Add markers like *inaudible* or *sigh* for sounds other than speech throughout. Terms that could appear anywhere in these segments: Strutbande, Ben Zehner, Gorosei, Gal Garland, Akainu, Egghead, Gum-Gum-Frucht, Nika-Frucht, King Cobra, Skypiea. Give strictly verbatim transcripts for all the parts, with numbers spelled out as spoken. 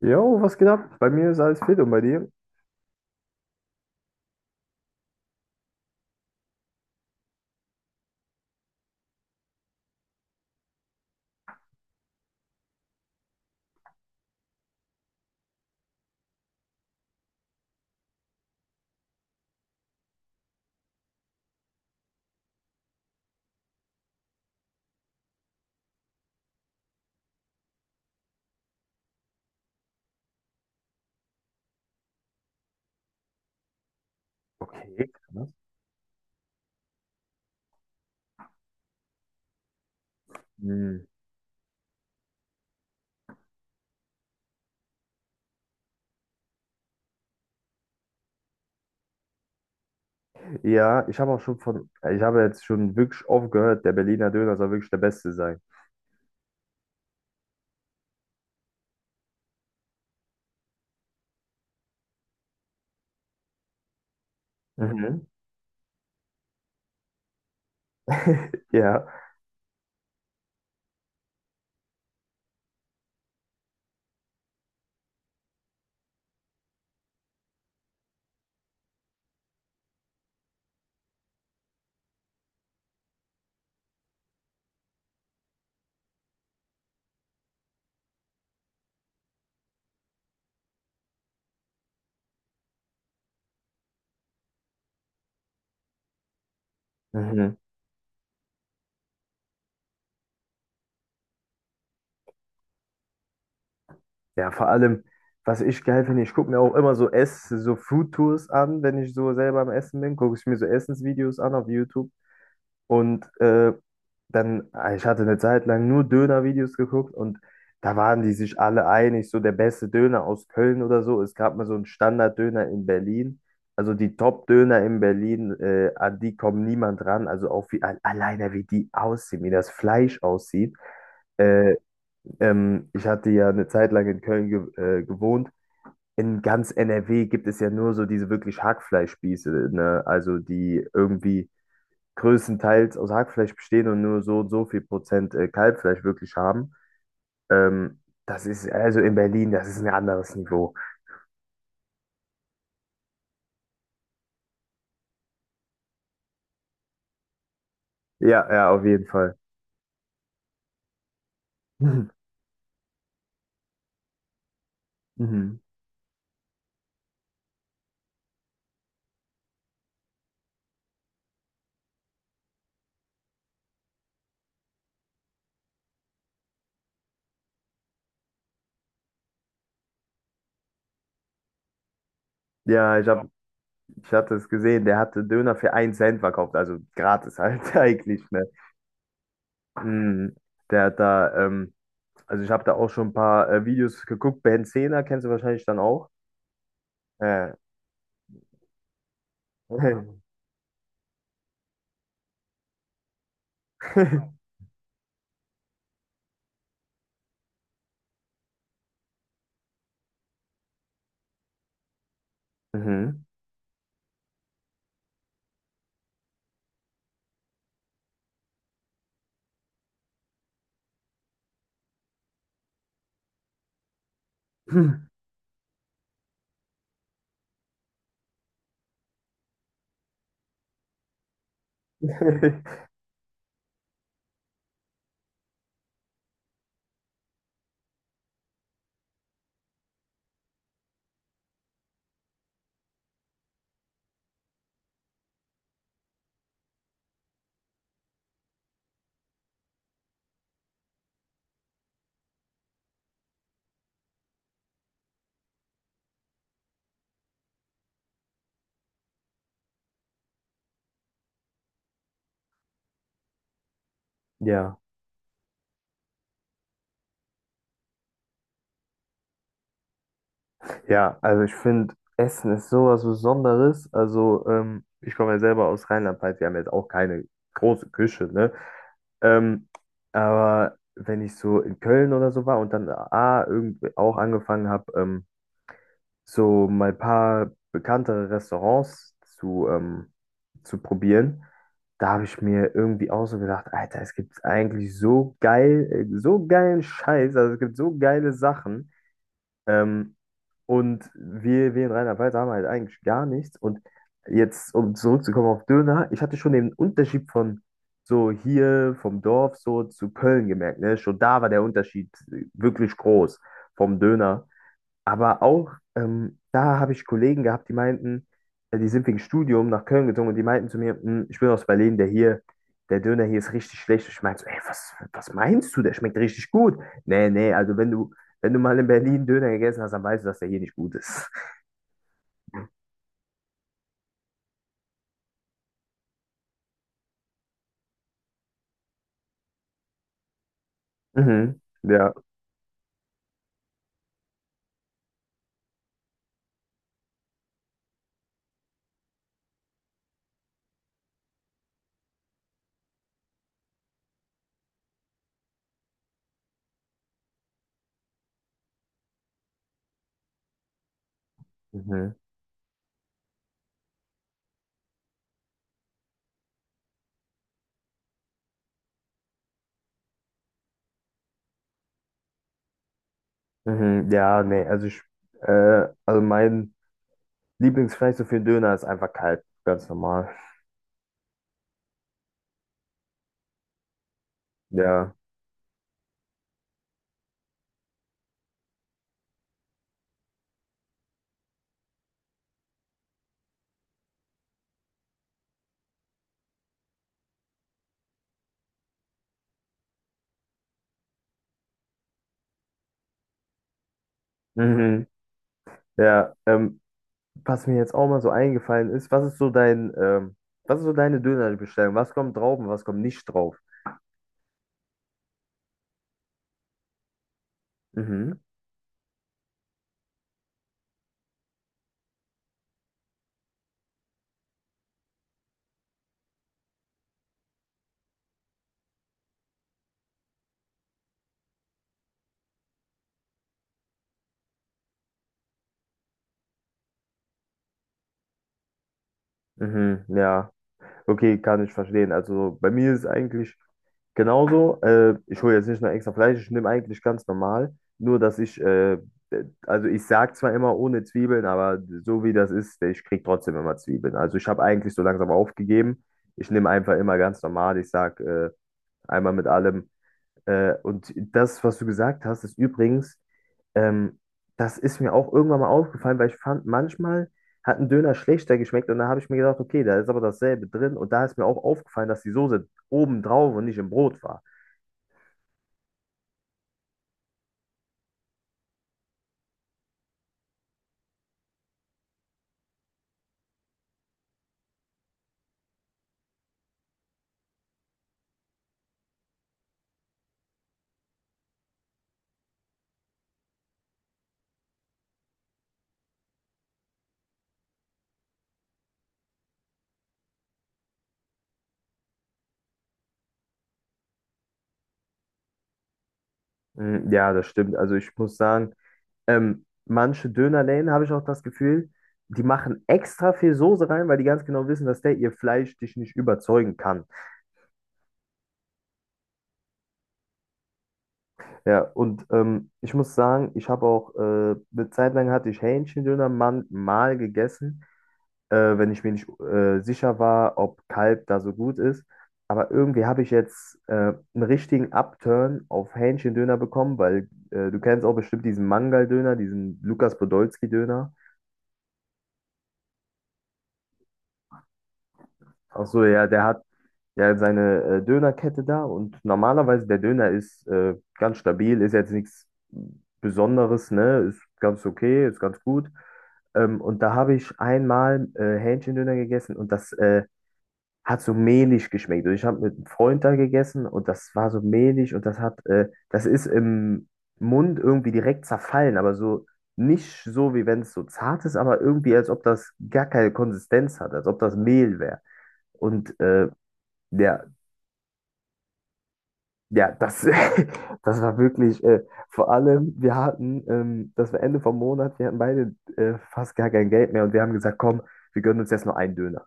Jo, was geht ab? Bei mir ist alles fit und bei dir? Okay, krass. Hm. Ja, ich habe auch schon von, ich habe jetzt schon wirklich oft gehört, der Berliner Döner soll wirklich der beste sein. Mhm. Ja. Mhm. Ja, vor allem, was ich geil finde, ich gucke mir auch immer so Ess, so Food Tours an, wenn ich so selber am Essen bin, gucke ich mir so Essensvideos an auf YouTube. Und äh, dann, äh, ich hatte eine Zeit lang nur Döner-Videos geguckt, und da waren die sich alle einig, so der beste Döner aus Köln oder so. Es gab mal so einen Standard-Döner in Berlin. Also die Top-Döner in Berlin, äh, an die kommt niemand ran. Also auch wie, al- alleine wie die aussehen, wie das Fleisch aussieht. Äh, ähm, ich hatte ja eine Zeit lang in Köln ge äh, gewohnt. In ganz N R W gibt es ja nur so diese wirklich Hackfleischspieße, ne? Also die irgendwie größtenteils aus Hackfleisch bestehen und nur so und so viel Prozent äh, Kalbfleisch wirklich haben. Ähm, das ist also in Berlin, das ist ein anderes Niveau. Ja, ja, auf jeden Fall. *laughs* Mhm. Mhm. Ja, ich hab, ich hatte es gesehen, der hatte Döner für einen Cent verkauft, also gratis halt *laughs* eigentlich, ne? Mhm. Der hat da, ähm, also ich habe da auch schon ein paar äh, Videos geguckt, Ben Zehner kennst du wahrscheinlich dann auch. Äh. *laughs* Mhm. *laughs* Ja. Ja, also ich finde, Essen ist sowas Besonderes. Also, ähm, ich komme ja selber aus Rheinland-Pfalz, wir haben jetzt auch keine große Küche, ne? Ähm, aber wenn ich so in Köln oder so war und dann A, irgendwie auch angefangen habe, ähm, so mal ein paar bekanntere Restaurants zu, ähm, zu probieren, da habe ich mir irgendwie auch so gedacht, Alter, es gibt eigentlich so geil, äh, so geilen Scheiß, also es gibt so geile Sachen. Ähm, und wir, wir in Rheinland-Pfalz haben halt eigentlich gar nichts. Und jetzt, um zurückzukommen auf Döner, ich hatte schon den Unterschied von so hier vom Dorf so zu Köln gemerkt. Ne? Schon da war der Unterschied wirklich groß vom Döner. Aber auch ähm, da habe ich Kollegen gehabt, die meinten, äh, die sind wegen Studium nach Köln gezogen, und die meinten zu mir: "Hm, ich bin aus Berlin, der hier, der Döner hier ist richtig schlecht." Ich meinte so, ey, was, was meinst du? Der schmeckt richtig gut. Nee, nee, also wenn du, wenn du mal in Berlin Döner gegessen hast, dann weißt du, dass der hier nicht gut ist. *laughs* Mhm. Ja. Mhm. Mhm. Ja, nee, also ich, äh, also mein Lieblingsfleisch so für Döner ist einfach kalt, ganz normal. Ja. Mhm. Ja. Ähm, was mir jetzt auch mal so eingefallen ist, was ist so dein, ähm, was ist so deine Dönerbestellung? Was kommt drauf und was kommt nicht drauf? Mhm, mhm, ja, okay, kann ich verstehen. Also bei mir ist es eigentlich genauso. Äh, ich hole jetzt nicht nur extra Fleisch, ich nehme eigentlich ganz normal. Nur, dass ich, äh, äh, also ich sage zwar immer ohne Zwiebeln, aber so wie das ist, ich kriege trotzdem immer Zwiebeln. Also ich habe eigentlich so langsam aufgegeben. Ich nehme einfach immer ganz normal. Ich sage äh, einmal mit allem. Äh, und das, was du gesagt hast, ist übrigens. Ähm, das ist mir auch irgendwann mal aufgefallen, weil ich fand, manchmal hat ein Döner schlechter geschmeckt, und da habe ich mir gedacht, okay, da ist aber dasselbe drin, und da ist mir auch aufgefallen, dass die Soße oben drauf und nicht im Brot war. Mm. Ja, das stimmt. Also ich muss sagen, ähm, manche Dönerläden habe ich auch das Gefühl, die machen extra viel Soße rein, weil die ganz genau wissen, dass der ihr Fleisch dich nicht überzeugen kann. Ja, und ähm, ich muss sagen, ich habe auch, äh, eine Zeit lang hatte ich Hähnchendöner man- mal gegessen, äh, wenn ich mir nicht äh, sicher war, ob Kalb da so gut ist. Aber irgendwie habe ich jetzt äh, einen richtigen Upturn auf Hähnchendöner bekommen, weil äh, du kennst auch bestimmt diesen Mangal-Döner, diesen Lukas Podolski-Döner. Ach so, ja, der hat ja seine äh, Dönerkette da, und normalerweise der Döner ist äh, ganz stabil, ist jetzt nichts Besonderes, ne? Ist ganz okay, ist ganz gut. Ähm, und da habe ich einmal äh, Hähnchendöner gegessen, und das äh, hat so mehlig geschmeckt. Und ich habe mit einem Freund da gegessen, und das war so mehlig, und das hat, äh, das ist im Mund irgendwie direkt zerfallen, aber so nicht so, wie wenn es so zart ist, aber irgendwie, als ob das gar keine Konsistenz hat, als ob das Mehl wäre. Und äh, ja, ja, das, *laughs* das war wirklich, äh, vor allem, wir hatten, ähm, das war Ende vom Monat, wir hatten beide äh, fast gar kein Geld mehr, und wir haben gesagt, komm, wir gönnen uns jetzt nur einen Döner.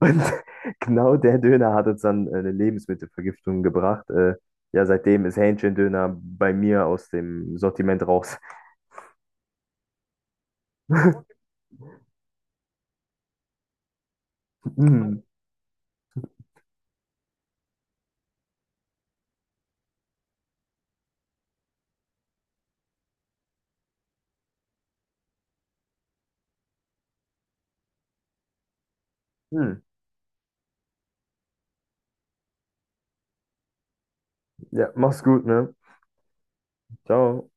Und *laughs* genau der Döner hat uns dann äh, eine Lebensmittelvergiftung gebracht. Äh, ja, seitdem ist Hähnchendöner bei mir aus dem Sortiment raus. *laughs* Hm, hm. Ja, mach's gut, ne? Ciao.